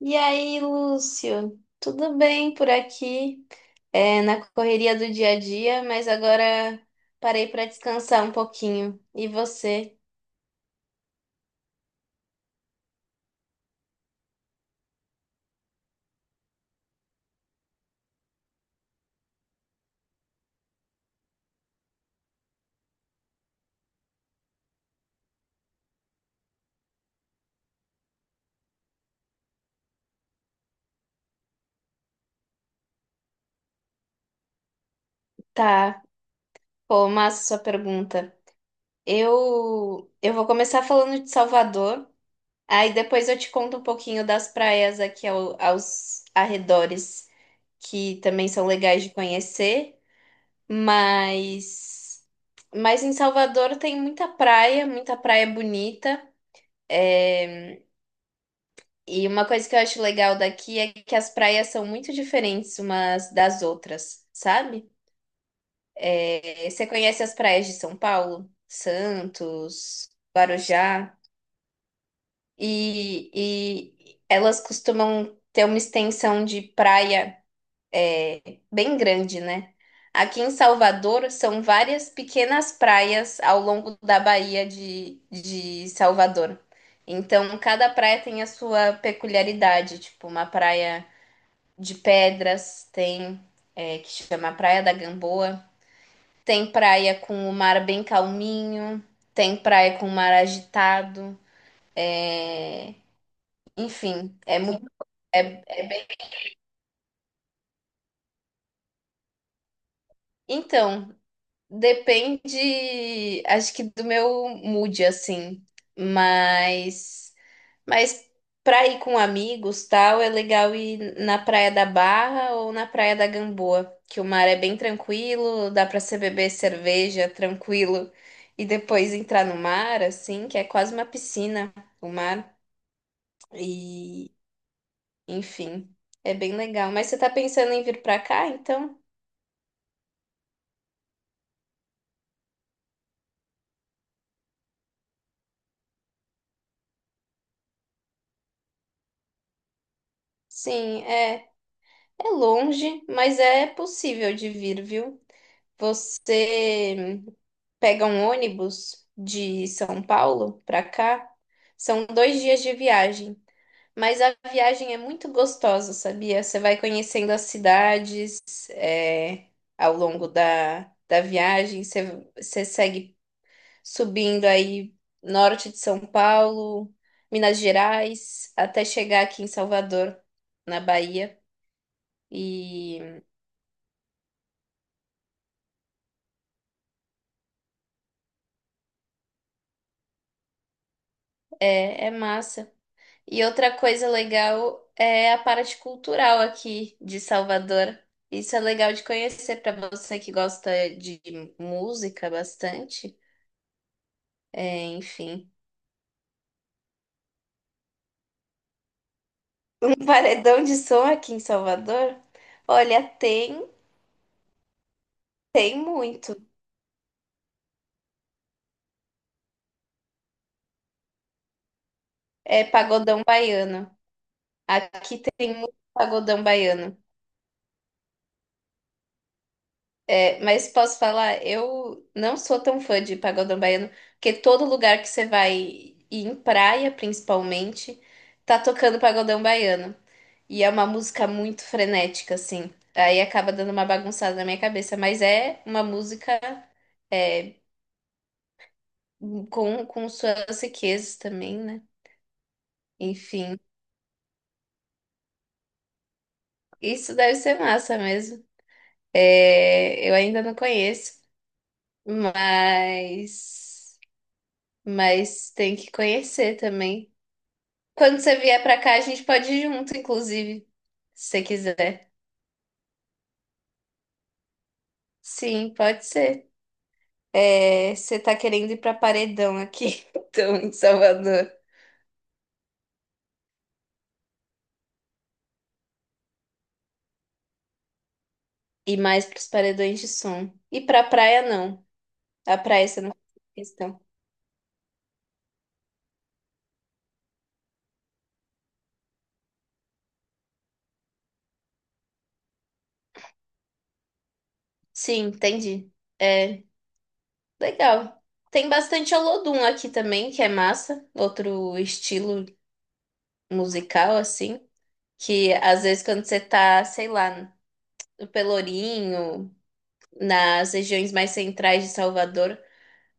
E aí, Lúcio? Tudo bem por aqui? Na correria do dia a dia, mas agora parei para descansar um pouquinho. E você? Tá. Pô, massa sua pergunta. Eu vou começar falando de Salvador, aí depois eu te conto um pouquinho das praias aqui aos arredores, que também são legais de conhecer, mas mas em Salvador tem muita praia bonita. É, E uma coisa que eu acho legal daqui é que as praias são muito diferentes umas das outras, sabe? Você conhece as praias de São Paulo, Santos, Guarujá, e, e elas costumam ter uma extensão de praia bem grande, né? Aqui em Salvador são várias pequenas praias ao longo da Baía de Salvador. Então, cada praia tem a sua peculiaridade, tipo uma praia de pedras, tem que chama Praia da Gamboa, tem praia com o mar bem calminho, tem praia com o mar agitado, é, enfim, é muito, é, é bem. Então, depende, acho que do meu mood assim, mas Mas pra ir com amigos, tal, é legal ir na Praia da Barra ou na Praia da Gamboa, que o mar é bem tranquilo, dá pra você beber cerveja tranquilo e depois entrar no mar, assim, que é quase uma piscina, o mar. E, enfim, é bem legal. Mas você tá pensando em vir pra cá, então? Sim, é longe, mas é possível de vir, viu? Você pega um ônibus de São Paulo para cá, são dois dias de viagem. Mas a viagem é muito gostosa, sabia? Você vai conhecendo as cidades, ao longo da viagem, você segue subindo aí norte de São Paulo, Minas Gerais, até chegar aqui em Salvador, na Bahia. E é massa. E outra coisa legal é a parte cultural aqui de Salvador. Isso é legal de conhecer para você que gosta de música bastante. É, enfim, um paredão de som aqui em Salvador, olha, tem, tem muito. É pagodão baiano. Aqui tem muito pagodão baiano. Mas posso falar, eu não sou tão fã de pagodão baiano, porque todo lugar que você vai, e em praia principalmente, tá tocando pagodão baiano. E é uma música muito frenética, assim. Aí acaba dando uma bagunçada na minha cabeça, mas é uma música é, com suas riquezas também, né? Enfim, isso deve ser massa mesmo. É, eu ainda não conheço, mas, mas tem que conhecer também. Quando você vier pra cá, a gente pode ir junto, inclusive, se você quiser. Sim, pode ser. É, você tá querendo ir pra Paredão aqui, então, em Salvador. E mais pros paredões de som. E pra praia, não. A praia você não faz questão. Sim, entendi. É, legal. Tem bastante Olodum aqui também, que é massa. Outro estilo musical, assim. Que às vezes quando você tá, sei lá, no Pelourinho, nas regiões mais centrais de Salvador,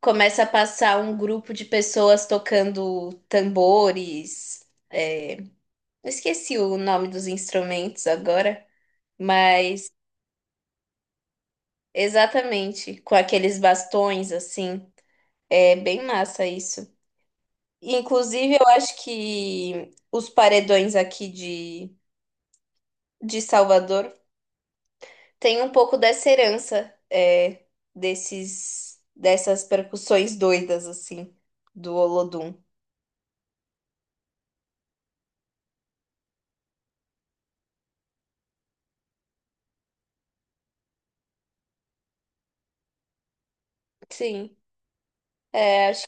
começa a passar um grupo de pessoas tocando tambores. Eu esqueci o nome dos instrumentos agora, mas exatamente com aqueles bastões assim. É bem massa isso. Inclusive, eu acho que os paredões aqui de Salvador têm um pouco dessa herança, dessas percussões doidas, assim, do Olodum. Sim, acho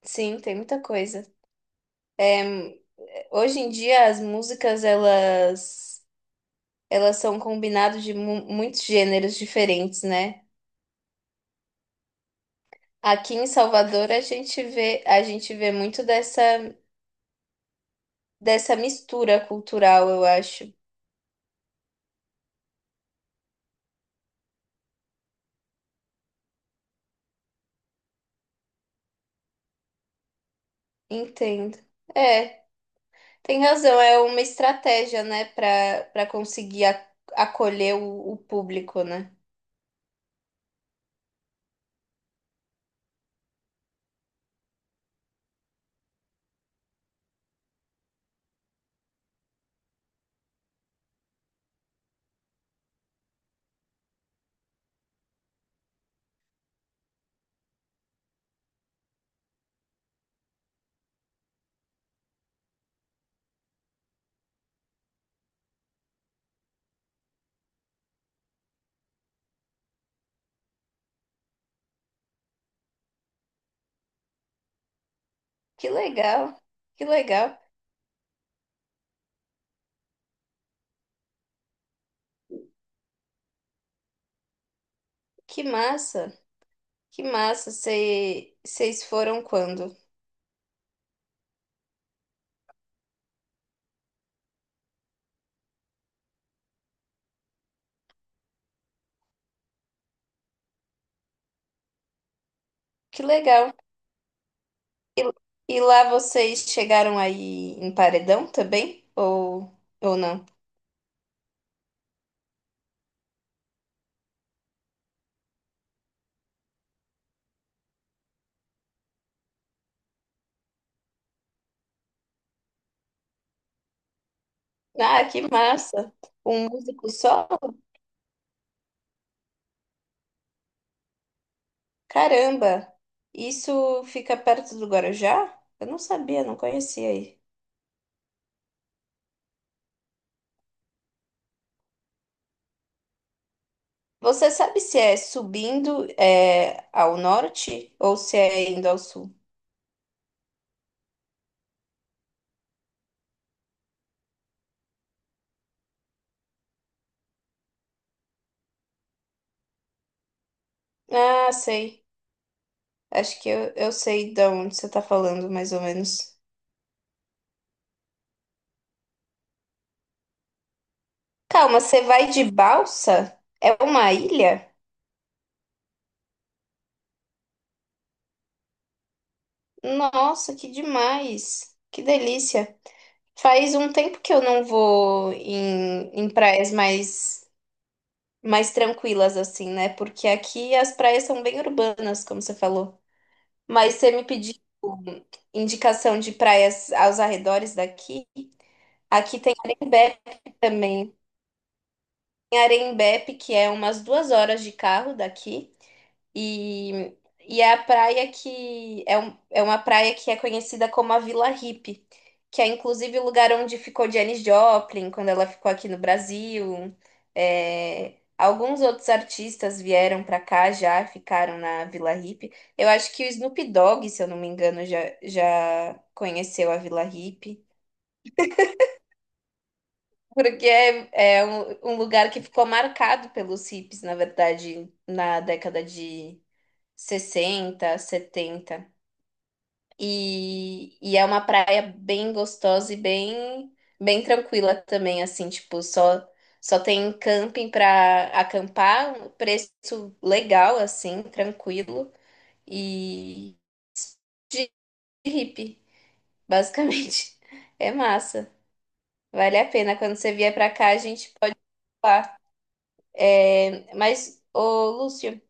que sim, tem muita coisa. Hoje em dia as músicas elas são combinadas de muitos gêneros diferentes, né? Aqui em Salvador a gente vê muito dessa mistura cultural, eu acho. Entendo. É, tem razão, é uma estratégia, né, para conseguir acolher o público, né? Que legal. Que legal. Que massa. Que massa. Vocês foram quando? Que legal. E, e lá vocês chegaram aí em paredão também? Ou não? Ah, que massa! Um músico só? Caramba! Isso fica perto do Guarujá? Eu não sabia, não conhecia aí. Você sabe se é subindo ao norte ou se é indo ao sul? Ah, sei. Acho que eu sei de onde você está falando, mais ou menos. Calma, você vai de balsa? É uma ilha? Nossa, que demais! Que delícia! Faz um tempo que eu não vou em, em praias mais, mais tranquilas, assim, né? Porque aqui as praias são bem urbanas, como você falou. Mas você me pediu indicação de praias aos arredores daqui. Aqui tem Arembepe também. Tem Arembepe, que é umas 2 horas de carro daqui. E, e é a praia que é, um, é uma praia que é conhecida como a Vila Hippie, que é inclusive o lugar onde ficou Janis Joplin quando ela ficou aqui no Brasil. É, alguns outros artistas vieram para cá já, ficaram na Vila Hippie. Eu acho que o Snoop Dogg, se eu não me engano, já, já conheceu a Vila Hippie. Porque é um lugar que ficou marcado pelos hippies, na verdade, na década de 60, 70. E é uma praia bem gostosa e bem, bem tranquila também, assim, tipo, só, só tem camping para acampar, um preço legal, assim, tranquilo e de hippie, basicamente. É massa. Vale a pena. Quando você vier pra cá, a gente pode ir. Mas, ô Lúcio,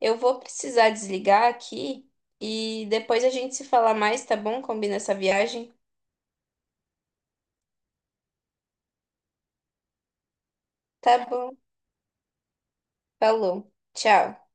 eu vou precisar desligar aqui e depois a gente se fala mais, tá bom? Combina essa viagem? Tá bom. Falou. Tchau.